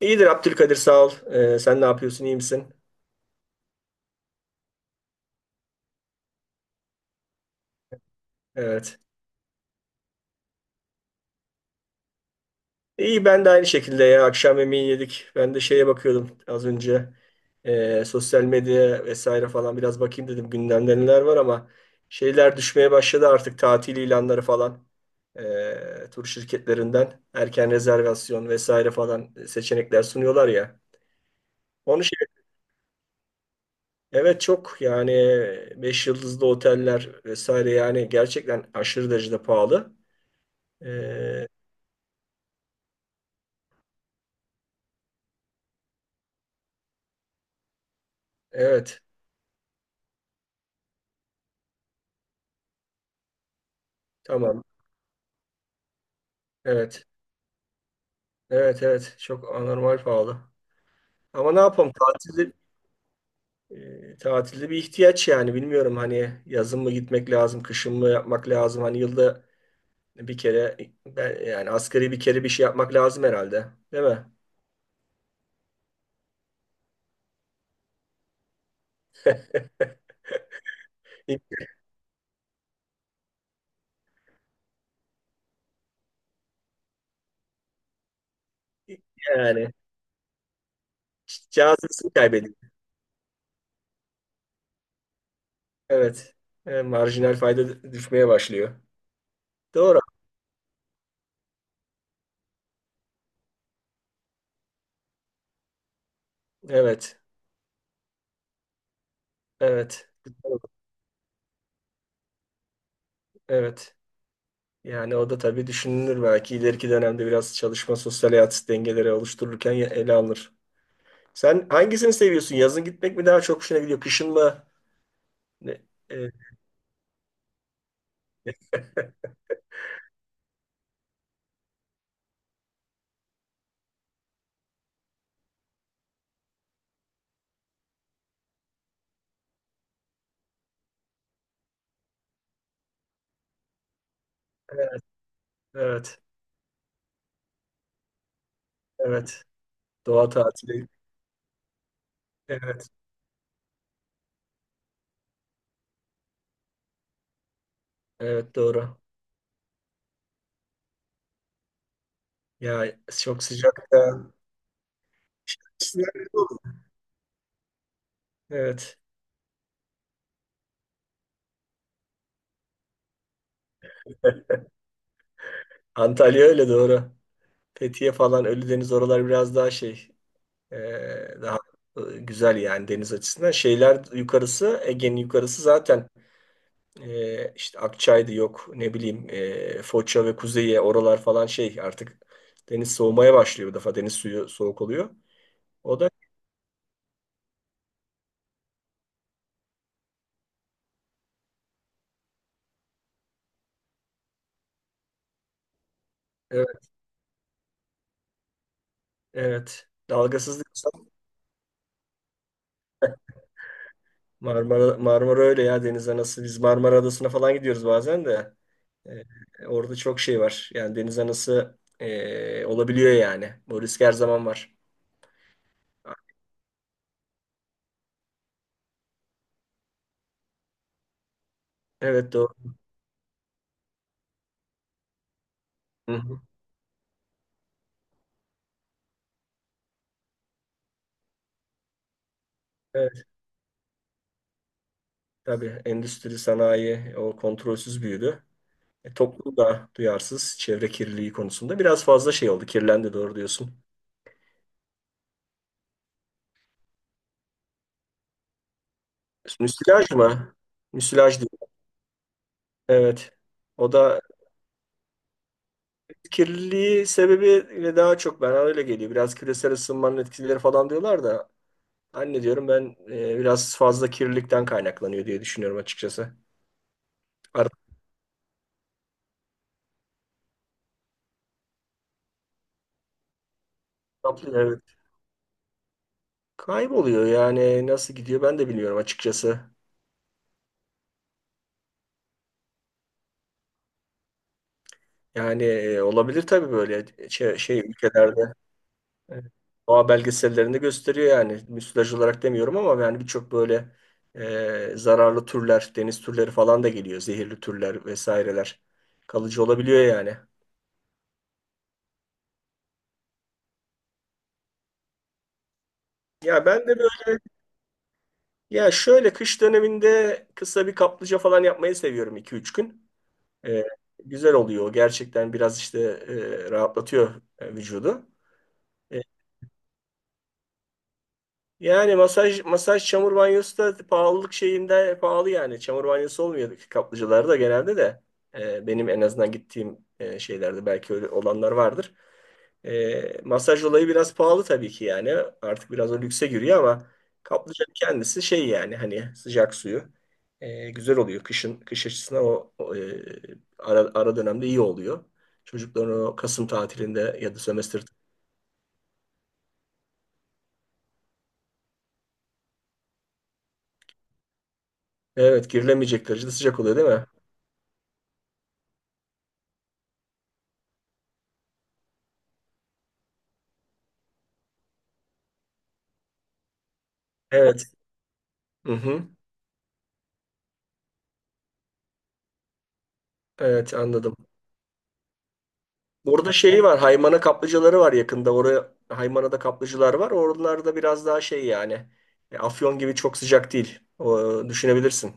İyidir Abdülkadir sağ ol. Sen ne yapıyorsun, iyi misin? Evet. İyi, ben de aynı şekilde ya, akşam yemeği yedik. Ben de şeye bakıyordum az önce. Sosyal medya vesaire falan biraz bakayım dedim. Gündemde neler var ama şeyler düşmeye başladı artık, tatil ilanları falan. Tur şirketlerinden erken rezervasyon vesaire falan seçenekler sunuyorlar ya. Onu şey, evet çok yani, 5 yıldızlı oteller vesaire, yani gerçekten aşırı derecede pahalı. Ee, Evet. Tamam. Evet. Evet, evet. Çok anormal pahalı. Ama ne yapalım? Tatilde bir ihtiyaç yani. Bilmiyorum hani yazın mı gitmek lazım, kışın mı yapmak lazım? Hani yılda bir kere, yani asgari bir kere bir şey yapmak lazım herhalde. Değil mi? Yani cazibesini kaybediyor. Evet. Marjinal fayda düşmeye başlıyor. Doğru. Evet. Evet. Evet. Yani o da tabii düşünülür, belki ileriki dönemde biraz çalışma sosyal hayat dengeleri oluştururken ele alınır. Sen hangisini seviyorsun? Yazın gitmek mi daha çok hoşuna gidiyor? Kışın mı? Ne- e, e, evet, evet. Doğa tatili. Evet, evet doğru. Ya çok sıcak da. Evet. Antalya öyle, doğru. Fethiye falan, Ölüdeniz, oralar biraz daha şey, e, daha güzel yani deniz açısından. Şeyler yukarısı, Ege'nin yukarısı zaten, işte Akçay'dı, yok ne bileyim, Foça ve Kuzey'e, oralar falan, şey artık deniz soğumaya başlıyor, bu defa deniz suyu soğuk oluyor. O da evet, evet. Dalgasızlık. Marmara, Marmara öyle ya, deniz anası, biz Marmara Adası'na falan gidiyoruz bazen de. Orada çok şey var yani, deniz anası olabiliyor yani, bu risk her zaman var. Evet doğru. Hı hı. Evet, tabii endüstri sanayi o kontrolsüz büyüdü. Toplum da duyarsız çevre kirliliği konusunda, biraz fazla şey oldu. Kirlendi, doğru diyorsun. Müsilaj mı? Müsilaj değil. Evet. O da kirliliği sebebiyle daha çok, bana öyle geliyor. Biraz küresel ısınmanın etkileri falan diyorlar da, anne diyorum ben, biraz fazla kirlilikten kaynaklanıyor diye düşünüyorum açıkçası. Arı kaplıyor, evet. Kayboluyor yani, nasıl gidiyor ben de bilmiyorum açıkçası. Yani olabilir tabii, böyle şey ülkelerde. Evet. Doğa belgesellerinde gösteriyor yani. Müsilaj olarak demiyorum ama yani, birçok böyle zararlı türler, deniz türleri falan da geliyor. Zehirli türler vesaireler. Kalıcı olabiliyor yani. Ya ben de böyle, ya şöyle kış döneminde kısa bir kaplıca falan yapmayı seviyorum, iki üç gün. E, Güzel oluyor. Gerçekten biraz işte rahatlatıyor vücudu. E, Yani masaj, çamur banyosu da pahalılık şeyinde pahalı yani. Çamur banyosu olmuyor ki kaplıcalarda genelde de. Benim en azından gittiğim şeylerde, belki öyle olanlar vardır. Masaj olayı biraz pahalı tabii ki yani. Artık biraz o lükse giriyor ama kaplıcanın kendisi şey yani, hani sıcak suyu güzel oluyor. Kışın, kış açısından ara dönemde iyi oluyor. Çocukların o Kasım tatilinde ya da sömestr, evet girilemeyecek derecede sıcak oluyor değil mi? Evet. Hı hı. Evet, anladım. Burada şeyi var. Haymana kaplıcaları var yakında. Oraya, Haymana'da kaplıcılar var. Oralarda biraz daha şey yani, Afyon gibi çok sıcak değil. O, düşünebilirsin.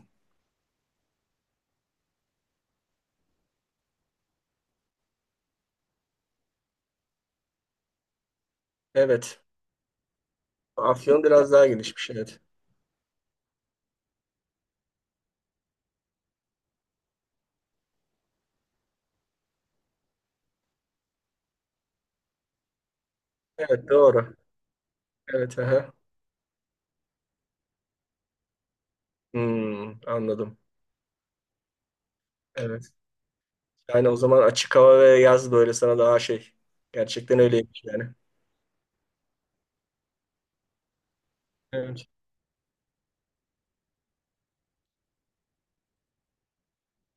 Evet. Afyon biraz daha gelişmiş. Evet. Evet doğru. Evet. Aha. Hmm, anladım. Evet. Yani o zaman açık hava ve yaz böyle sana daha şey. Gerçekten öyleymiş yani. Evet.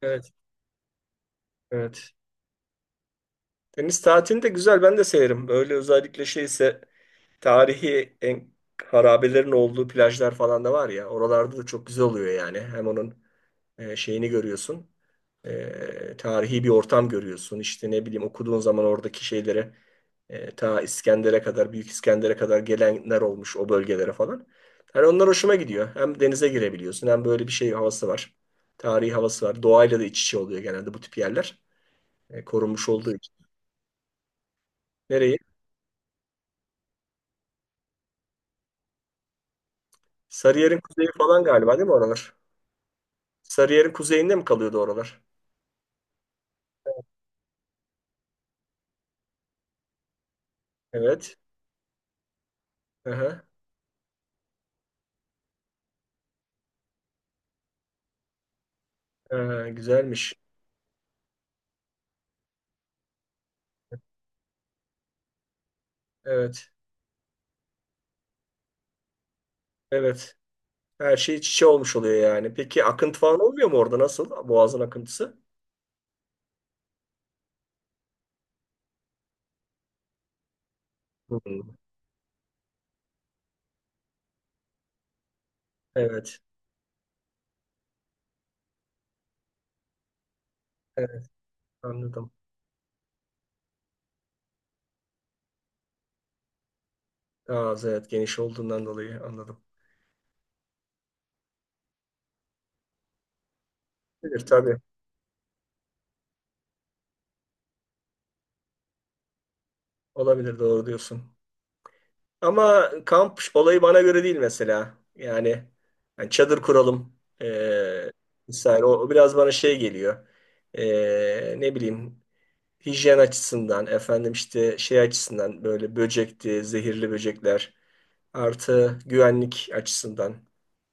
Evet. Evet. Deniz tatilini de güzel, ben de severim. Böyle özellikle şeyse, tarihi en harabelerin olduğu plajlar falan da var ya. Oralarda da çok güzel oluyor yani. Hem onun şeyini görüyorsun, tarihi bir ortam görüyorsun. İşte ne bileyim, okuduğun zaman oradaki şeylere, ta İskender'e kadar, Büyük İskender'e kadar gelenler olmuş o bölgelere falan. Hani onlar hoşuma gidiyor. Hem denize girebiliyorsun, hem böyle bir şey havası var. Tarihi havası var. Doğayla da iç içe oluyor genelde bu tip yerler. Korunmuş olduğu için. Nereyi? Sarıyer'in kuzeyi falan galiba değil mi oralar? Sarıyer'in kuzeyinde mi kalıyordu oralar? Evet. Aha. Güzelmiş. Evet. Evet. Her şey iç içe olmuş oluyor yani. Peki akıntı falan olmuyor mu orada? Nasıl? Boğazın akıntısı? Hmm. Evet. Evet. Anladım. Ağız evet, geniş olduğundan dolayı anladım. Olabilir tabii. Olabilir, doğru diyorsun. Ama kamp olayı bana göre değil mesela. Yani, yani çadır kuralım, Ee, vesaire. O biraz bana şey geliyor. Ne bileyim, hijyen açısından, efendim işte şey açısından, böyle böcekti, zehirli böcekler, artı güvenlik açısından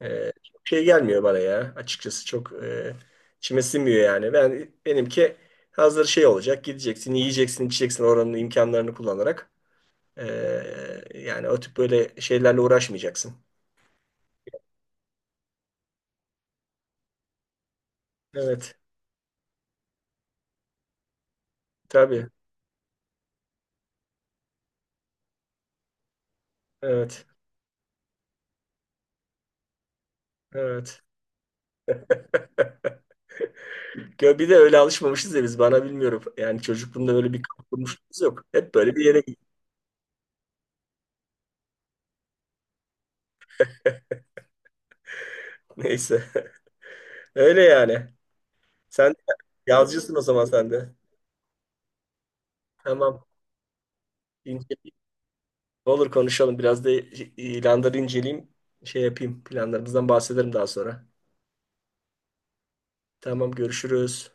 çok şey gelmiyor bana ya, açıkçası çok içime sinmiyor yani. Benimki hazır şey olacak, gideceksin yiyeceksin içeceksin oranın imkanlarını kullanarak. E, Yani o tip böyle şeylerle uğraşmayacaksın. Evet tabii, evet, evet. Ya bir de öyle alışmamışız ya biz, bana bilmiyorum. Yani çocukluğumda öyle bir kamp kurmuşluğumuz yok, hep böyle bir yere gittik. Neyse. Öyle yani. Sen yazıcısın o zaman sen de. Tamam. İnceleyeyim. Olur, konuşalım. Biraz da ilanları inceleyeyim. Şey yapayım. Planlarımızdan bahsederim daha sonra. Tamam, görüşürüz.